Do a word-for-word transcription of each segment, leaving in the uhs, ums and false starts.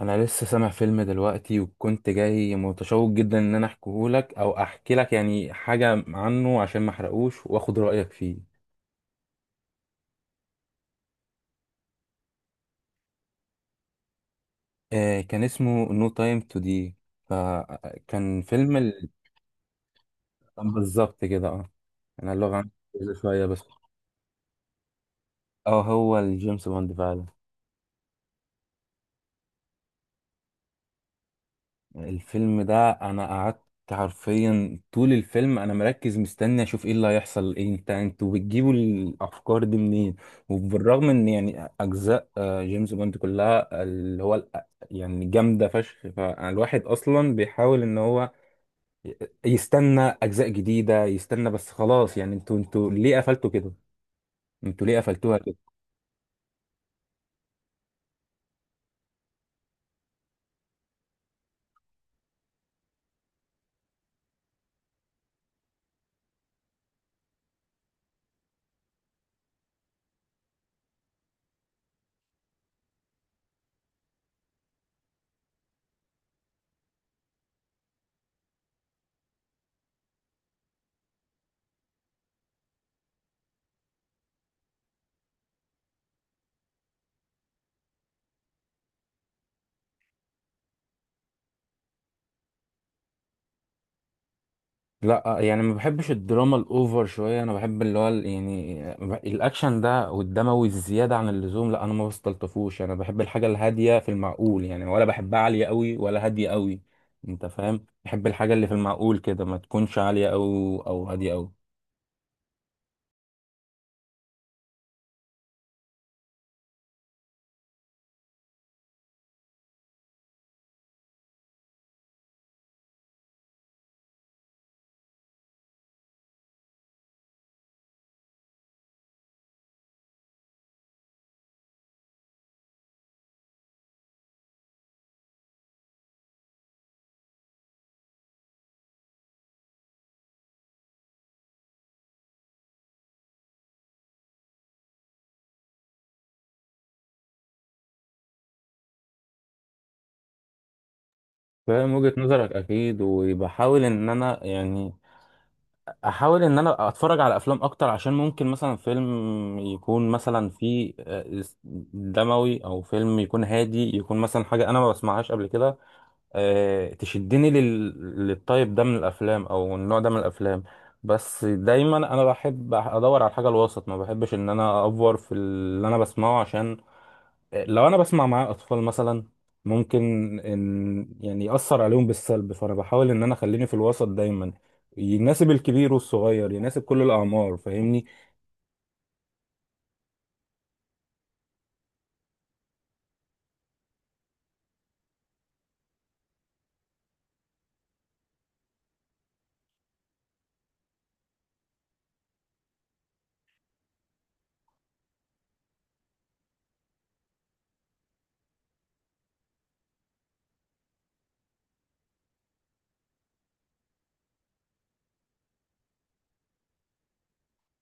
انا لسه سامع فيلم دلوقتي وكنت جاي متشوق جدا ان انا احكيهولك او احكي لك يعني حاجه عنه عشان ما احرقوش واخد رايك فيه. آه، كان اسمه نو تايم تو دي. فكان فيلم ال... آه، بالظبط كده، اه. انا اللغه عندي شويه بس. اه، هو الجيمس بوند فعلا. الفيلم ده انا قعدت حرفيا طول الفيلم انا مركز مستني اشوف ايه اللي هيحصل. ايه انت انتوا بتجيبوا الافكار دي منين؟ وبالرغم ان يعني اجزاء آه، جيمس بوند كلها اللي هو ال- يعني جامده فشخ، فالواحد اصلا بيحاول ان هو ي- يستنى اجزاء جديده، يستنى. بس خلاص يعني انتوا انتوا ليه قفلتوا كده؟ انتوا ليه قفلتوها كده؟ لا يعني ما بحبش الدراما الاوفر شويه. انا بحب اللي هو ال- يعني الاكشن ده والدموي الزياده عن اللزوم لا، انا ما بستلطفوش. انا بحب الحاجه الهاديه في المعقول يعني، ولا بحبها عاليه قوي ولا هاديه قوي. انت فاهم؟ بحب الحاجه اللي في المعقول كده، ما تكونش عاليه قوي او هاديه قوي. فاهم وجهه نظرك اكيد، وبحاول ان انا يعني احاول ان انا اتفرج على افلام اكتر. عشان ممكن مثلا فيلم يكون مثلا فيه آه، دموي، او فيلم يكون هادي، يكون مثلا حاجه انا ما بسمعهاش قبل كده. آه، تشدني لل... للطيب ده من الافلام او النوع ده من الافلام. بس دايما انا بحب ادور على الحاجه الوسط، ما بحبش ان انا افور في اللي انا بسمعه. عشان لو انا بسمع مع اطفال مثلا ممكن ان يعني ياثر عليهم بالسلب، فانا بحاول ان انا اخليني في الوسط دايما، يناسب الكبير والصغير، يناسب كل الاعمار، فاهمني؟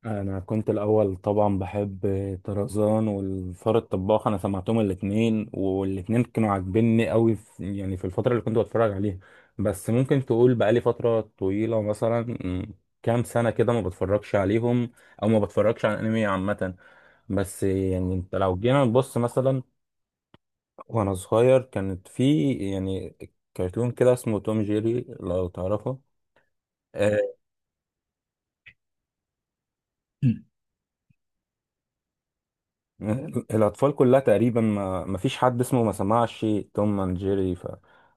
انا كنت الاول طبعا بحب طرزان والفار الطباخ، انا سمعتهم الاثنين، والاثنين كانوا عاجبني قوي في يعني في الفتره اللي كنت بتفرج عليها. بس ممكن تقول بقالي فتره طويله مثلا، م، كام سنه كده ما بتفرجش عليهم، او ما بتفرجش على الانمي عامه. بس يعني انت لو جينا نبص مثلا، وانا صغير كانت في يعني كرتون كده اسمه توم جيري، لو تعرفه. آه، مم. الأطفال كلها تقريبا ما ما فيش حد اسمه ما سمعش توم اند جيري،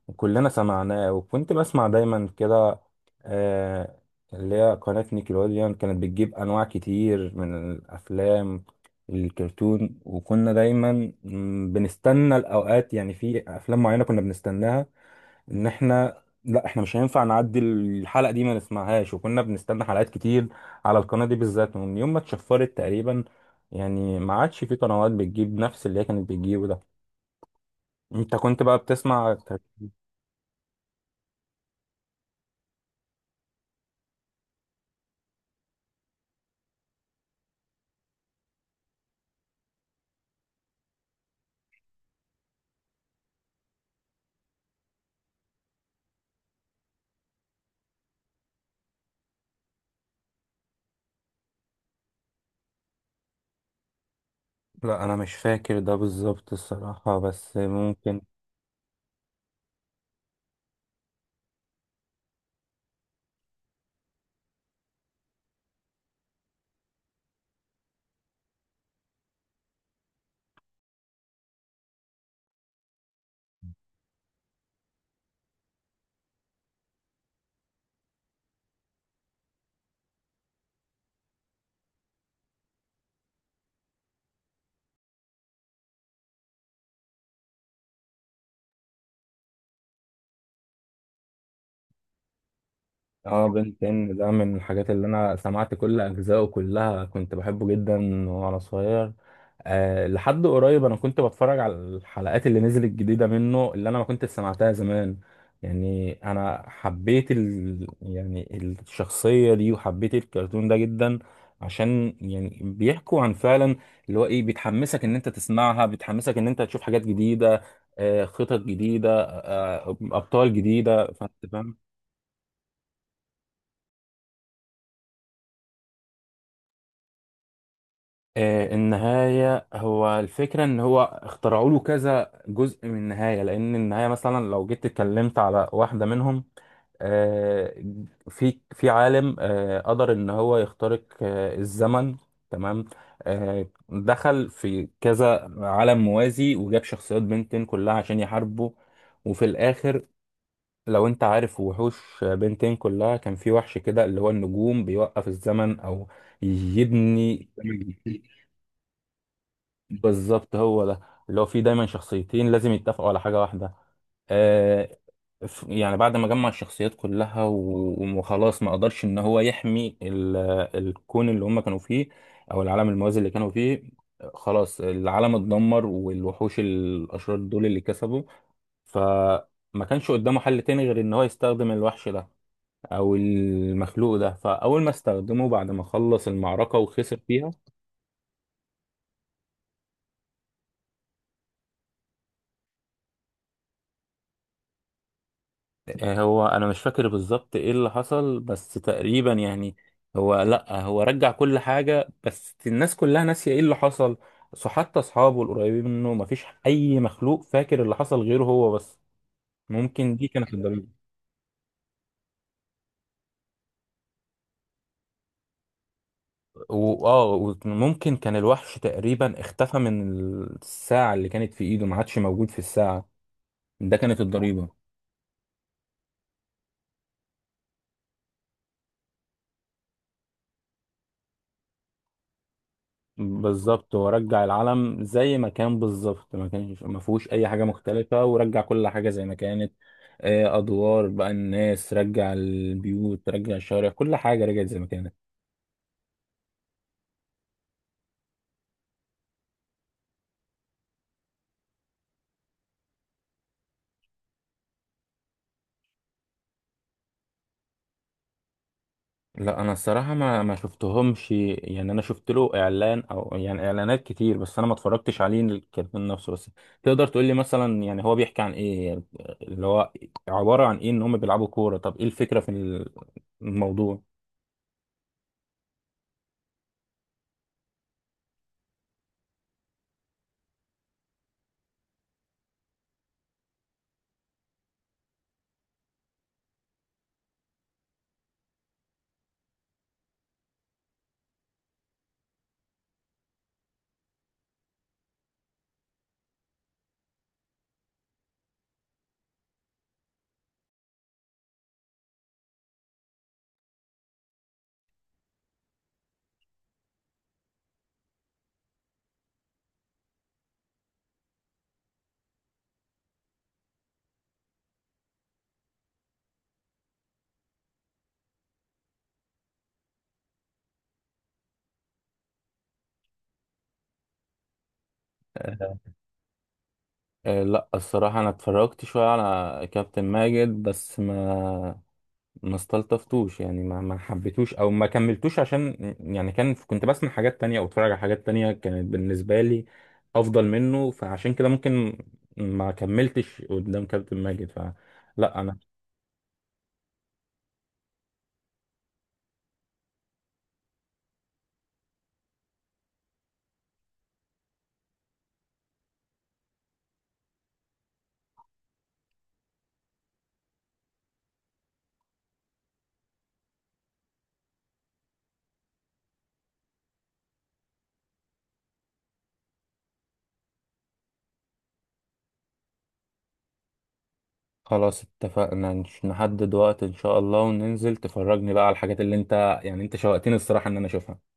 فكلنا سمعناه. وكنت بسمع دايما كده آه، اللي هي قناة نيكلوديان، كانت بتجيب أنواع كتير من الأفلام الكرتون. وكنا دايما مم، بنستنى الأوقات، يعني في أفلام معينة كنا بنستناها ان احنا لا، احنا مش هينفع نعدي الحلقه دي ما نسمعهاش. وكنا بنستنى حلقات كتير على القناه دي بالذات. ومن يوم ما اتشفرت تقريبا يعني ما عادش في قنوات بتجيب نفس اللي هي كانت بتجيبه ده. انت كنت بقى بتسمع طيب؟ لا انا مش فاكر ده بالظبط الصراحه، بس ممكن. اه، بنت ان ده من الحاجات اللي انا سمعت كل اجزائه كلها، كنت بحبه جدا وانا صغير. أه لحد قريب انا كنت بتفرج على الحلقات اللي نزلت جديدة منه، اللي انا ما كنت سمعتها زمان. يعني انا حبيت ال... يعني الشخصية دي، وحبيت الكرتون ده جدا. عشان يعني بيحكوا عن فعلا اللي هو ايه بتحمسك ان انت تسمعها، بتحمسك ان انت تشوف حاجات جديدة، آه، خطط جديدة، آه، ابطال جديدة، فانت فاهم. آه، النهاية هو الفكرة إن هو اخترعوا له كذا جزء من النهاية. لأن النهاية مثلا لو جيت اتكلمت على واحدة منهم، آه، في في عالم آه، قدر إن هو يخترق آه، الزمن. تمام، آه، دخل في كذا عالم موازي وجاب شخصيات بنتين كلها عشان يحاربوا. وفي الآخر، لو أنت عارف وحوش بنتين كلها، كان في وحش كده اللي هو النجوم بيوقف الزمن أو يبني. بالظبط هو ده، اللي هو فيه دايما شخصيتين لازم يتفقوا على حاجة واحدة. آه، ف- يعني بعد ما جمع الشخصيات كلها و- وخلاص ما قدرش ان هو يحمي ال- الكون اللي هم كانوا فيه، او العالم الموازي اللي كانوا فيه. خلاص العالم اتدمر، والوحوش الاشرار دول اللي كسبوا، فما كانش قدامه حل تاني غير ان هو يستخدم الوحش ده او المخلوق ده. فاول ما استخدمه بعد ما خلص المعركة وخسر فيها، آه، هو انا مش فاكر بالظبط ايه اللي حصل، بس تقريبا يعني هو لا، هو رجع كل حاجة، بس الناس كلها ناسية ايه اللي حصل. سو حتى اصحابه القريبين منه مفيش اي مخلوق فاكر اللي حصل غيره هو بس. ممكن دي كانت الضريبة. واه، وممكن كان الوحش تقريبا اختفى من الساعة اللي كانت في ايده، ما عادش موجود في الساعة، ده كانت الضريبة. بالظبط، ورجع العلم زي ما كان بالظبط، ما كانش ما فيهوش اي حاجه مختلفه، ورجع كل حاجه زي ما كانت. آه، ادوار بقى الناس، رجع البيوت، رجع الشوارع، كل حاجه رجعت زي ما كانت. لا انا الصراحه ما ما شفتهمش، يعني انا شفت له اعلان او يعني اعلانات كتير، بس انا ما اتفرجتش عليه الكرتون نفسه. بس تقدر تقول لي مثلا يعني هو بيحكي عن ايه؟ اللي هو عباره عن ايه ان هم بيلعبوا كوره؟ طب ايه الفكره في الموضوع؟ آه. آه، لا الصراحة أنا اتفرجت شوية على كابتن ماجد، بس ما ما استلطفتوش، يعني ما ما حبيتوش أو ما كملتوش. عشان يعني كان كنت بسمع حاجات تانية أو اتفرج على حاجات تانية كانت بالنسبة لي أفضل منه، فعشان كده ممكن ما كملتش قدام كابتن ماجد، فلا أنا. خلاص اتفقنا، نش- نحدد وقت إن شاء الله، وننزل تفرجني بقى على الحاجات اللي أنت يعني أنت شوقتني الصراحة إن أنا أشوفها.